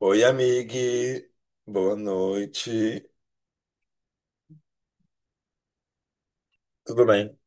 Oi, amigue. Boa noite. Tudo bem?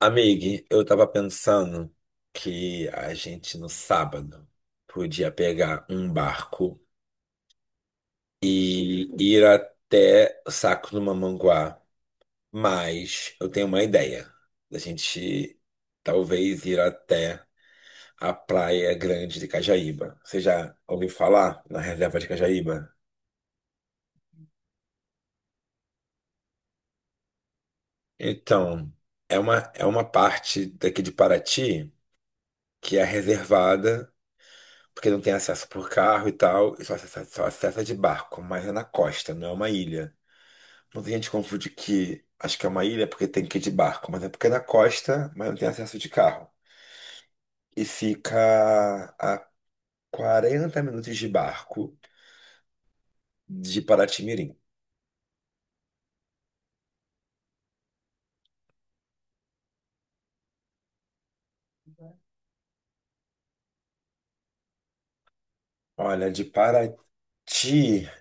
Amigue, eu tava pensando que a gente no sábado podia pegar um barco e ir até o Saco do Mamanguá. Mas eu tenho uma ideia, da gente talvez ir até a Praia Grande de Cajaíba. Você já ouviu falar na reserva de Cajaíba? Então, é uma parte daqui de Paraty, que é reservada, porque não tem acesso por carro e tal, e só acessa de barco, mas é na costa, não é uma ilha. Muita gente confunde que acho que é uma ilha porque tem que ir de barco, mas é porque é na costa, mas não tem acesso de carro. E fica a 40 minutos de barco de Paraty-Mirim. Olha, de Paraty,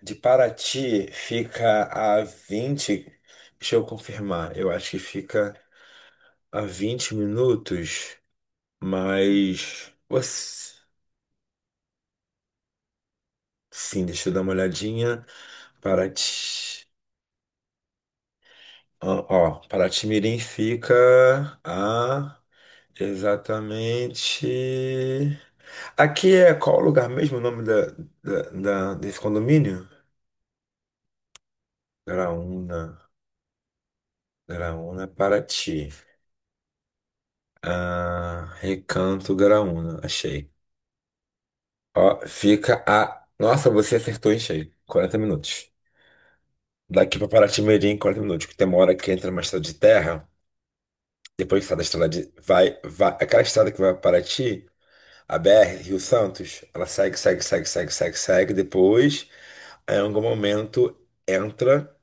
fica a 20, deixa eu confirmar, eu acho que fica a 20 minutos. Ups, sim, deixa eu dar uma olhadinha. Paraty. Ó, ó, Paraty-Mirim fica a. Exatamente. Aqui é qual o lugar mesmo, o nome da, desse condomínio? Graúna. Graúna, Paraty. Ah, Recanto Graúna, achei. Ó, fica a. Nossa, você acertou em cheio. 40 minutos. Daqui para Paraty-Mirim, 40 minutos, que tem uma hora que entra uma estrada de terra. Depois que sai da estrada de. Vai, vai. Aquela estrada que vai para Paraty, a BR, Rio Santos, ela segue, segue, segue, segue, segue, segue. Depois, em algum momento, entra,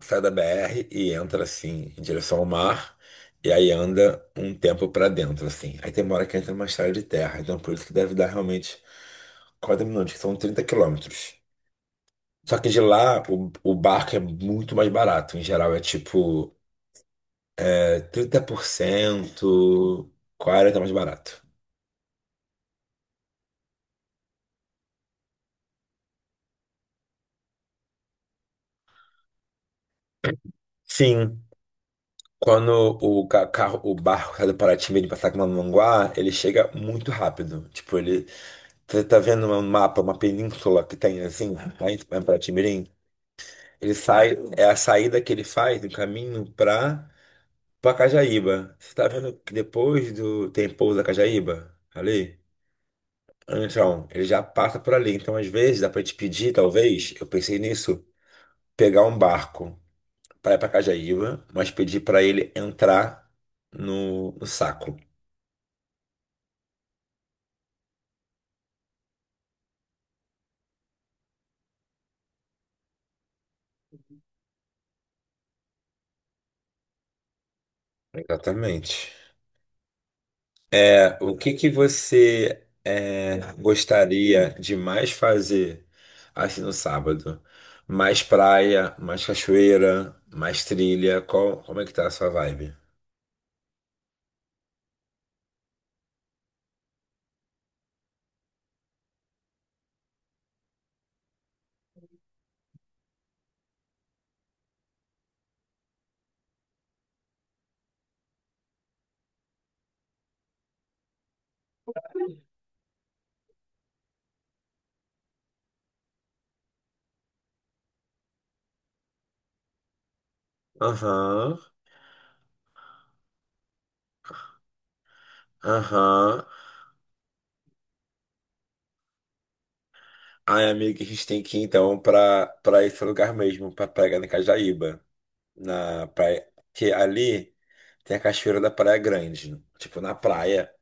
sai da BR e entra assim, em direção ao mar. E aí anda um tempo para dentro, assim. Aí tem uma hora que entra numa estrada de terra. Então, por isso que deve dar realmente 40 minutos, que são 30 quilômetros. Só que de lá, o barco é muito mais barato. Em geral, é tipo é 30%, 40% mais barato. Sim, quando o carro, o barco sai do Paraty, em vez de passar com Manguá, ele chega muito rápido. Tipo, ele. Você tá vendo um mapa, uma península que tem assim, lá em Paraty-Mirim? Ele sai, é a saída que ele faz do caminho pra Cajaíba. Você tá vendo que depois do. Tem pouso da Cajaíba? Ali? Então, ele já passa por ali. Então, às vezes, dá pra te pedir, talvez, eu pensei nisso, pegar um barco, para ir para Cajaíba, mas pedi para ele entrar no, no saco. Exatamente. É, o que que você gostaria de mais fazer assim no sábado? Mais praia, mais cachoeira, mais trilha? Qual, como é que tá a sua vibe? Aham, aham. Ai, amigo, a gente tem que ir então pra, pra esse lugar mesmo, pra pegar na Cajaíba. Na praia. Que ali tem a cachoeira da Praia Grande, né? Tipo, na praia.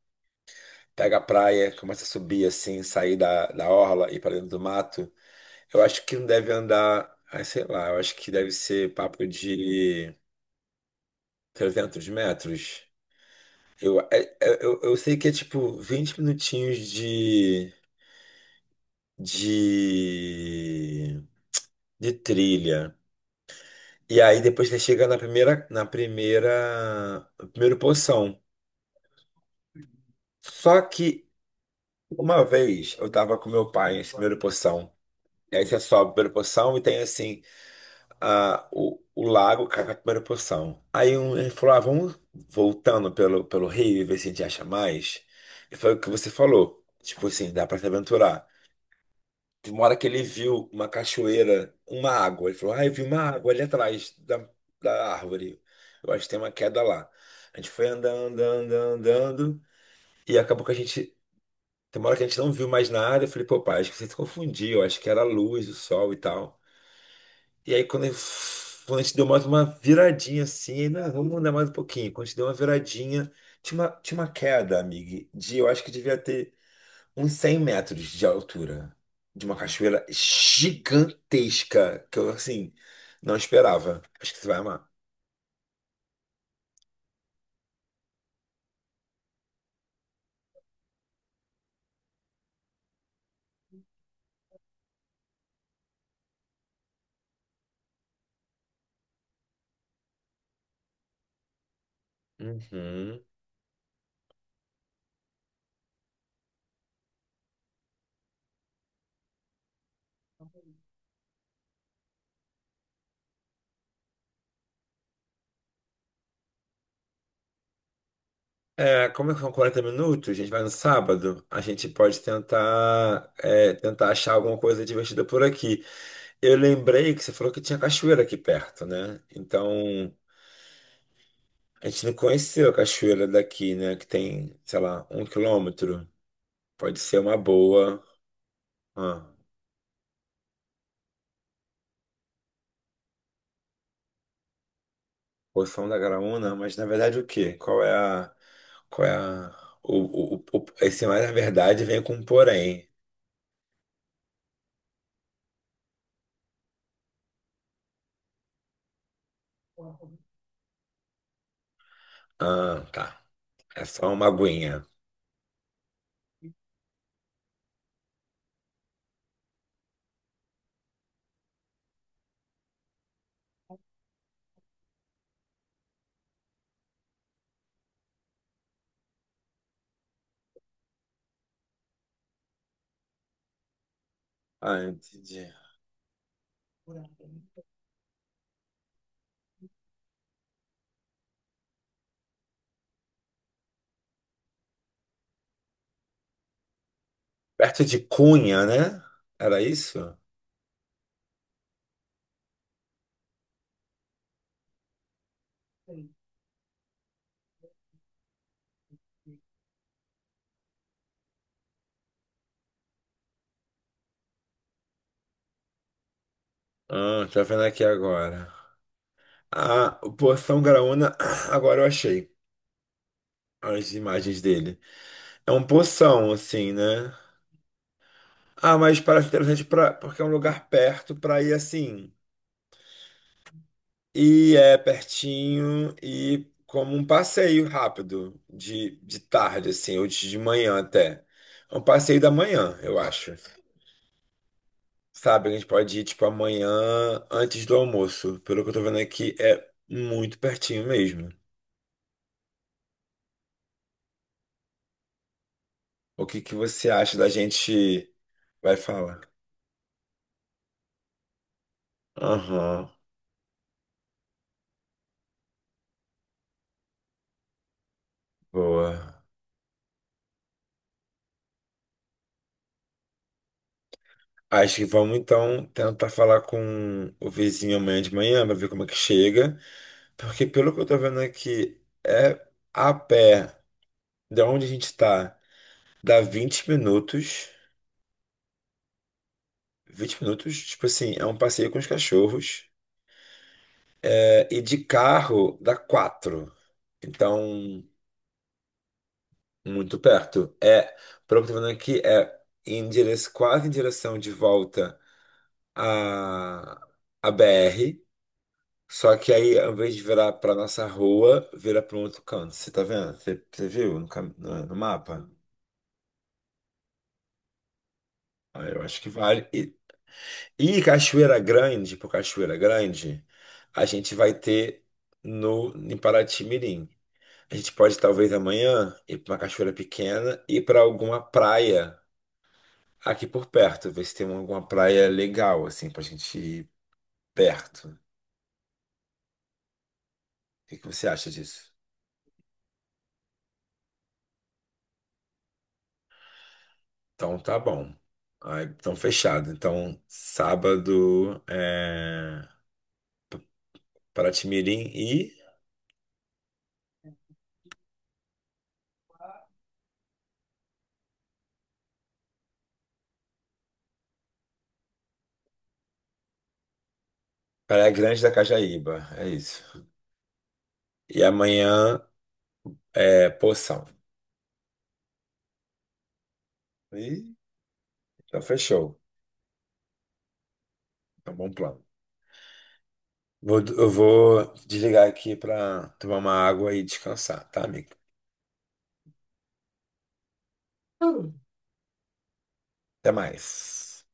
Pega a praia, começa a subir assim, sair da, da orla e ir para dentro do mato. Eu acho que não deve andar, ah, sei lá, eu acho que deve ser papo de 300 metros. Eu sei que é tipo 20 minutinhos de, de, trilha. E aí depois você chega na primeira, no primeiro poção. Só que. Uma vez eu tava com meu pai em primeira posição. E aí você sobe a primeira posição e tem assim o lago com a primeira posição. Aí ele falou: ah, vamos voltando pelo, pelo rio e ver se a gente acha mais. E foi o que você falou. Tipo assim, dá pra se aventurar. Tem uma hora que ele viu uma cachoeira, uma água. Ele falou: ah, eu vi uma água ali atrás da, da árvore. Eu acho que tem uma queda lá. A gente foi andando, andando, andando. E acabou que a gente tem uma hora que a gente não viu mais nada. Eu falei, pô, pai, acho que você se confundiu. Acho que era a luz, o sol e tal. E aí, quando, quando a gente deu mais uma viradinha assim, não, vamos andar mais um pouquinho. Quando a gente deu uma viradinha, tinha uma queda, amigo, de eu acho que devia ter uns 100 metros de altura, de uma cachoeira gigantesca, que eu, assim, não esperava. Acho que você vai amar. Uhum. É, como são 40 minutos, a gente vai no sábado, a gente pode tentar, tentar achar alguma coisa divertida por aqui. Eu lembrei que você falou que tinha cachoeira aqui perto, né? Então, a gente não conheceu a cachoeira daqui, né? Que tem, sei lá, 1 quilômetro. Pode ser uma boa. Ah, Poção da Graúna, mas na verdade o quê? Qual é a. Qual é a. Esse mais na verdade vem com um porém. Ah, tá. É só uma aguinha. Ah, entendi. Perto de Cunha, né? Era isso? Ah, tô vendo aqui agora. Ah, o Poção Graúna, agora eu achei as imagens dele. É um poção, assim, né? Ah, mas parece interessante pra, porque é um lugar perto pra ir assim. E é pertinho e como um passeio rápido, de tarde, assim, ou de manhã até. É um passeio da manhã, eu acho. Sabe, a gente pode ir, tipo, amanhã antes do almoço. Pelo que eu tô vendo aqui, é muito pertinho mesmo. O que que você acha da gente vai falar? Aham, boa. Acho que vamos então tentar falar com o vizinho amanhã de manhã pra ver como é que chega. Porque pelo que eu tô vendo aqui, é a pé de onde a gente tá, dá 20 minutos. 20 minutos, tipo assim, é um passeio com os cachorros. É, e de carro dá quatro. Então, muito perto. É, pelo que eu tô vendo aqui, é em dire... quase em direção de volta à, à BR. Só que aí, ao invés de virar para nossa rua, vira para um outro canto. Você tá vendo? Você, você viu no, no mapa? Ah, eu acho que vale. E Cachoeira Grande, por Cachoeira Grande, a gente vai ter no, em Paraty Mirim. A gente pode talvez amanhã ir para uma cachoeira pequena e para alguma praia aqui por perto, ver se tem alguma praia legal assim pra gente ir perto. O que que você acha disso? Então tá bom. Ah, então fechado. Então sábado é Paraty-Mirim e Praia Grande da Cajaíba, é isso. E amanhã é Poção. E então fechou. É um bom plano. Eu vou desligar aqui pra tomar uma água e descansar, tá, amigo? Até mais.